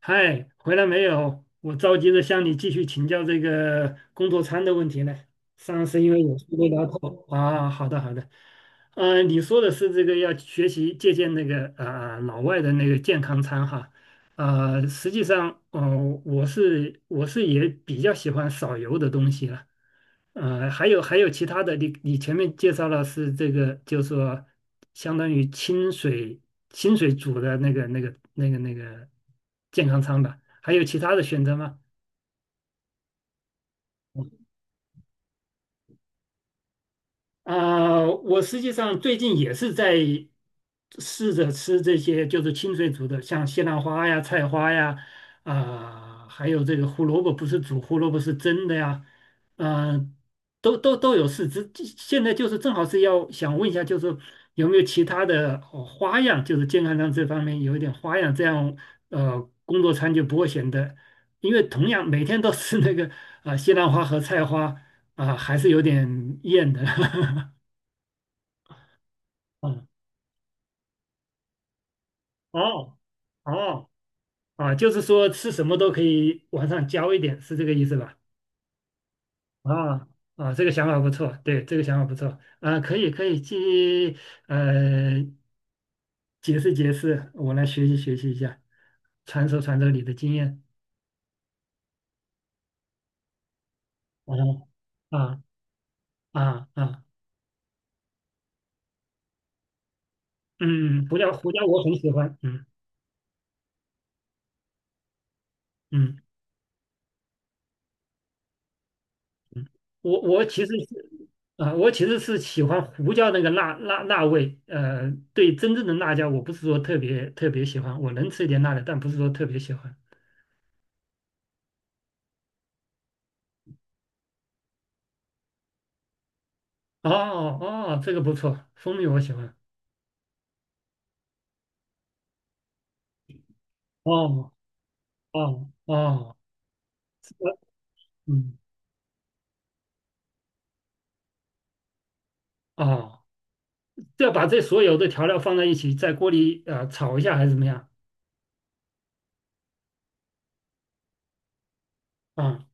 嗨，回来没有？我着急着向你继续请教这个工作餐的问题呢。上次因为有事没聊透啊，好的好的。你说的是这个要学习借鉴那个啊、老外的那个健康餐哈，实际上，我是也比较喜欢少油的东西了。还有其他的，你前面介绍了是这个，就是说相当于清水煮的那个健康餐吧？还有其他的选择吗？啊、我实际上最近也是在试着吃这些，就是清水煮的，像西兰花呀、菜花呀，啊、还有这个胡萝卜，不是煮胡萝卜是蒸的呀，嗯、都有试。现在就是正好是要想问一下，就是有没有其他的花样，就是健康上这方面有一点花样，这样工作餐就不会显得，因为同样每天都吃那个啊、西兰花和菜花。啊，还是有点厌的。哦哦哦啊，就是说吃什么都可以往上浇一点，是这个意思吧？啊啊，这个想法不错，对，这个想法不错啊，可以可以去呃解释解释，我来学习学习一下，传授传授你的经验。哦啊啊啊，嗯，胡椒胡椒我很喜欢，嗯嗯。我其实是啊、我其实是喜欢胡椒那个辣味，对真正的辣椒我不是说特别特别喜欢，我能吃一点辣的，但不是说特别喜欢。哦哦，这个不错，蜂蜜我喜欢。哦哦哦，嗯哦，要把这所有的调料放在一起，在锅里炒一下还是怎么样？啊、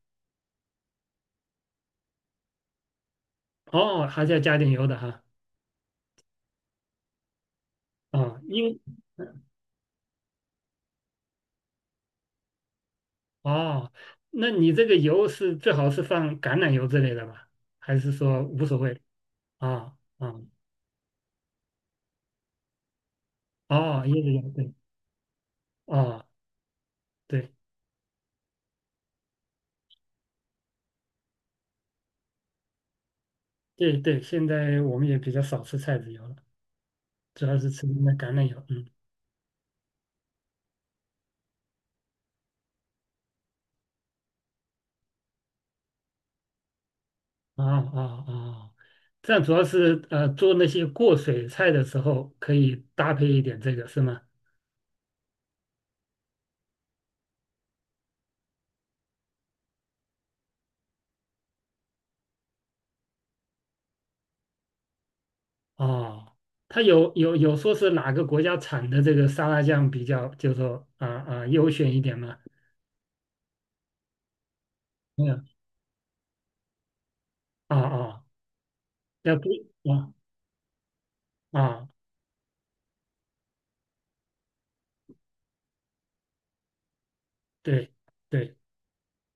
哦，还是要加点油的哈。啊、哦，那你这个油是最好是放橄榄油之类的吧？还是说无所谓？啊啊哦，椰子油对啊对对对，现在我们也比较少吃菜籽油了，主要是吃那橄榄油。嗯啊啊啊，这样主要是做那些过水菜的时候可以搭配一点这个是吗？哦，它有说是哪个国家产的这个沙拉酱比较，就是说啊啊优选一点吗？没有啊啊，要注意啊啊对对。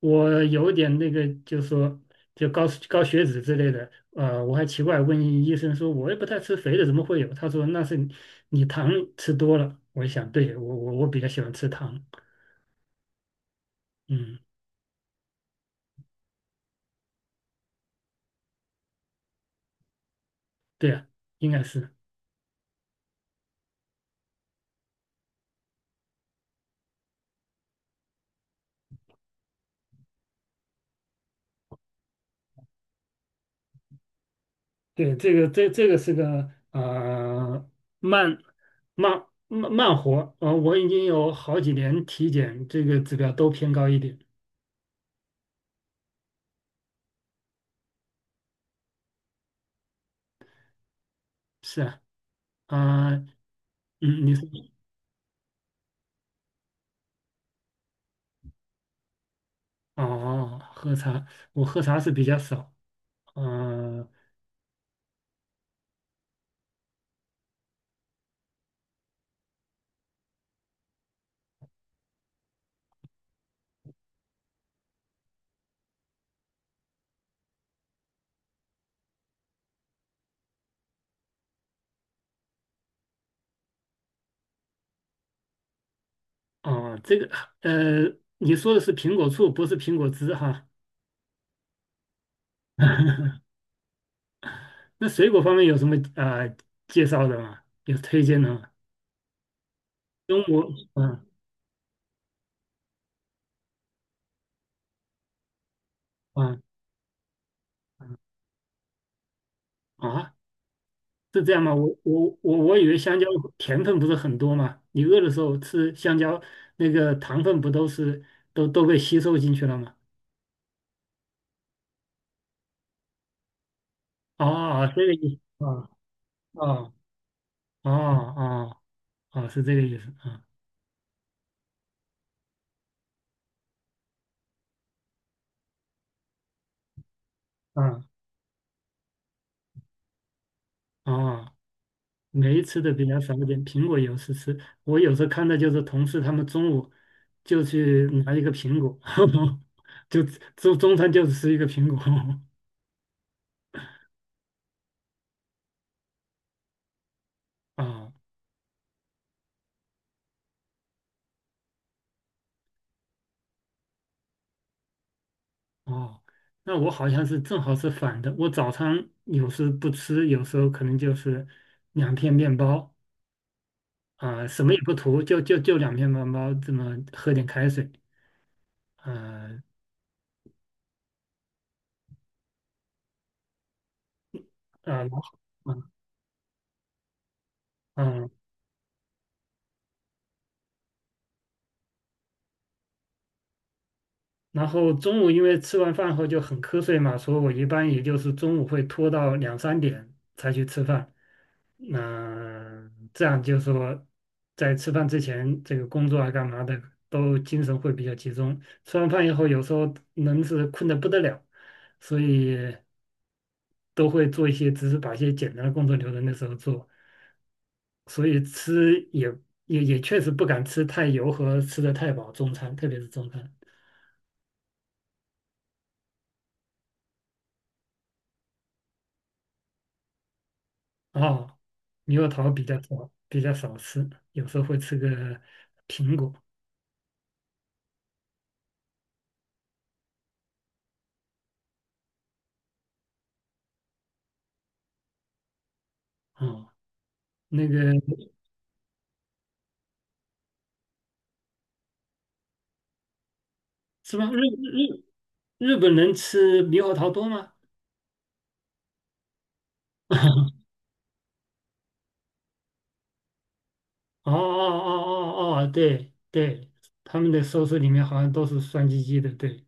我有点那个，就说就高血脂之类的，我还奇怪问医生说，我也不太吃肥的，怎么会有？他说那是你糖吃多了。我一想，对，我比较喜欢吃糖，嗯，对啊，应该是对这个这个是个慢慢活，我已经有好几年体检这个指标都偏高一点，是啊，啊、嗯，你说哦，喝茶。我喝茶是比较少，嗯、哦，这个呃，你说的是苹果醋，不是苹果汁哈。那水果方面有什么啊、介绍的吗？有推荐的吗？中国，嗯啊啊，是这样吗？我以为香蕉甜分不是很多嘛，你饿的时候吃香蕉，那个糖分不都是都被吸收进去了吗？哦，这个意思，啊哦哦哦哦，是这个意思，啊啊哦。没吃的比较少一点，苹果有时吃。我有时候看到就是同事他们中午就去拿一个苹果，就中餐就吃一个苹果。啊哦，那我好像是正好是反的。我早餐有时不吃，有时候可能就是两片面包啊、什么也不涂，就两片面包，这么喝点开水。呃呃，啊啊然后中午因为吃完饭后就很瞌睡嘛，所以我一般也就是中午会拖到两三点才去吃饭。那、这样就是说，在吃饭之前，这个工作啊干嘛的都精神会比较集中。吃完饭以后，有时候能是困得不得了，所以都会做一些，只是把一些简单的工作留在那时候做。所以吃也确实不敢吃太油和吃的太饱中餐，特别是中餐。哦，猕猴桃比较少，比较少吃，有时候会吃个苹果。哦，那个是吧？日本人吃猕猴桃多吗？哦哦哦哦哦，对对，他们的寿司里面好像都是酸唧唧的，对，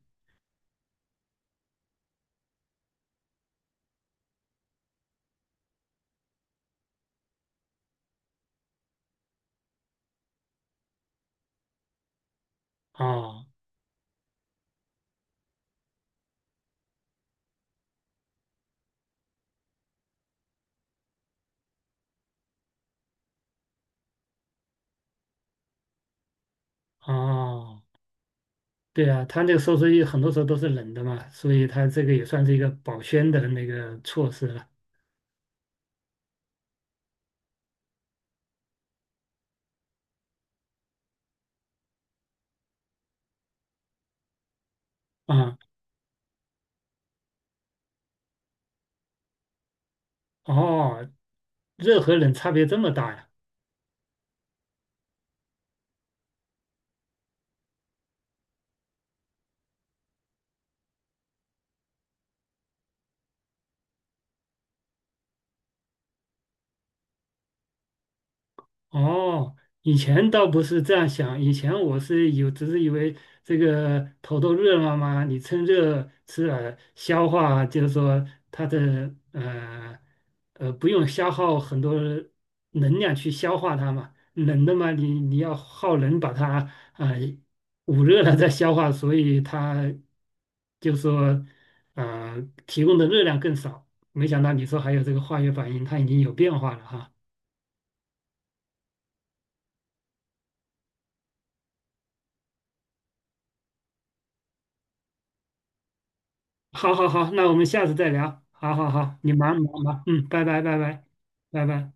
哦哦，对啊，他那个寿司一很多时候都是冷的嘛，所以他这个也算是一个保鲜的那个措施了啊。哦，热和冷差别这么大呀？哦，以前倒不是这样想，以前我是有，只是以为这个头都热了嘛，你趁热吃了消化就是说它的不用消耗很多能量去消化它嘛，冷的嘛你要耗能把它啊、捂热了再消化，所以它就说呃提供的热量更少。没想到你说还有这个化学反应，它已经有变化了哈。好好好，那我们下次再聊。好好好，你忙忙忙，嗯，拜拜拜拜拜拜。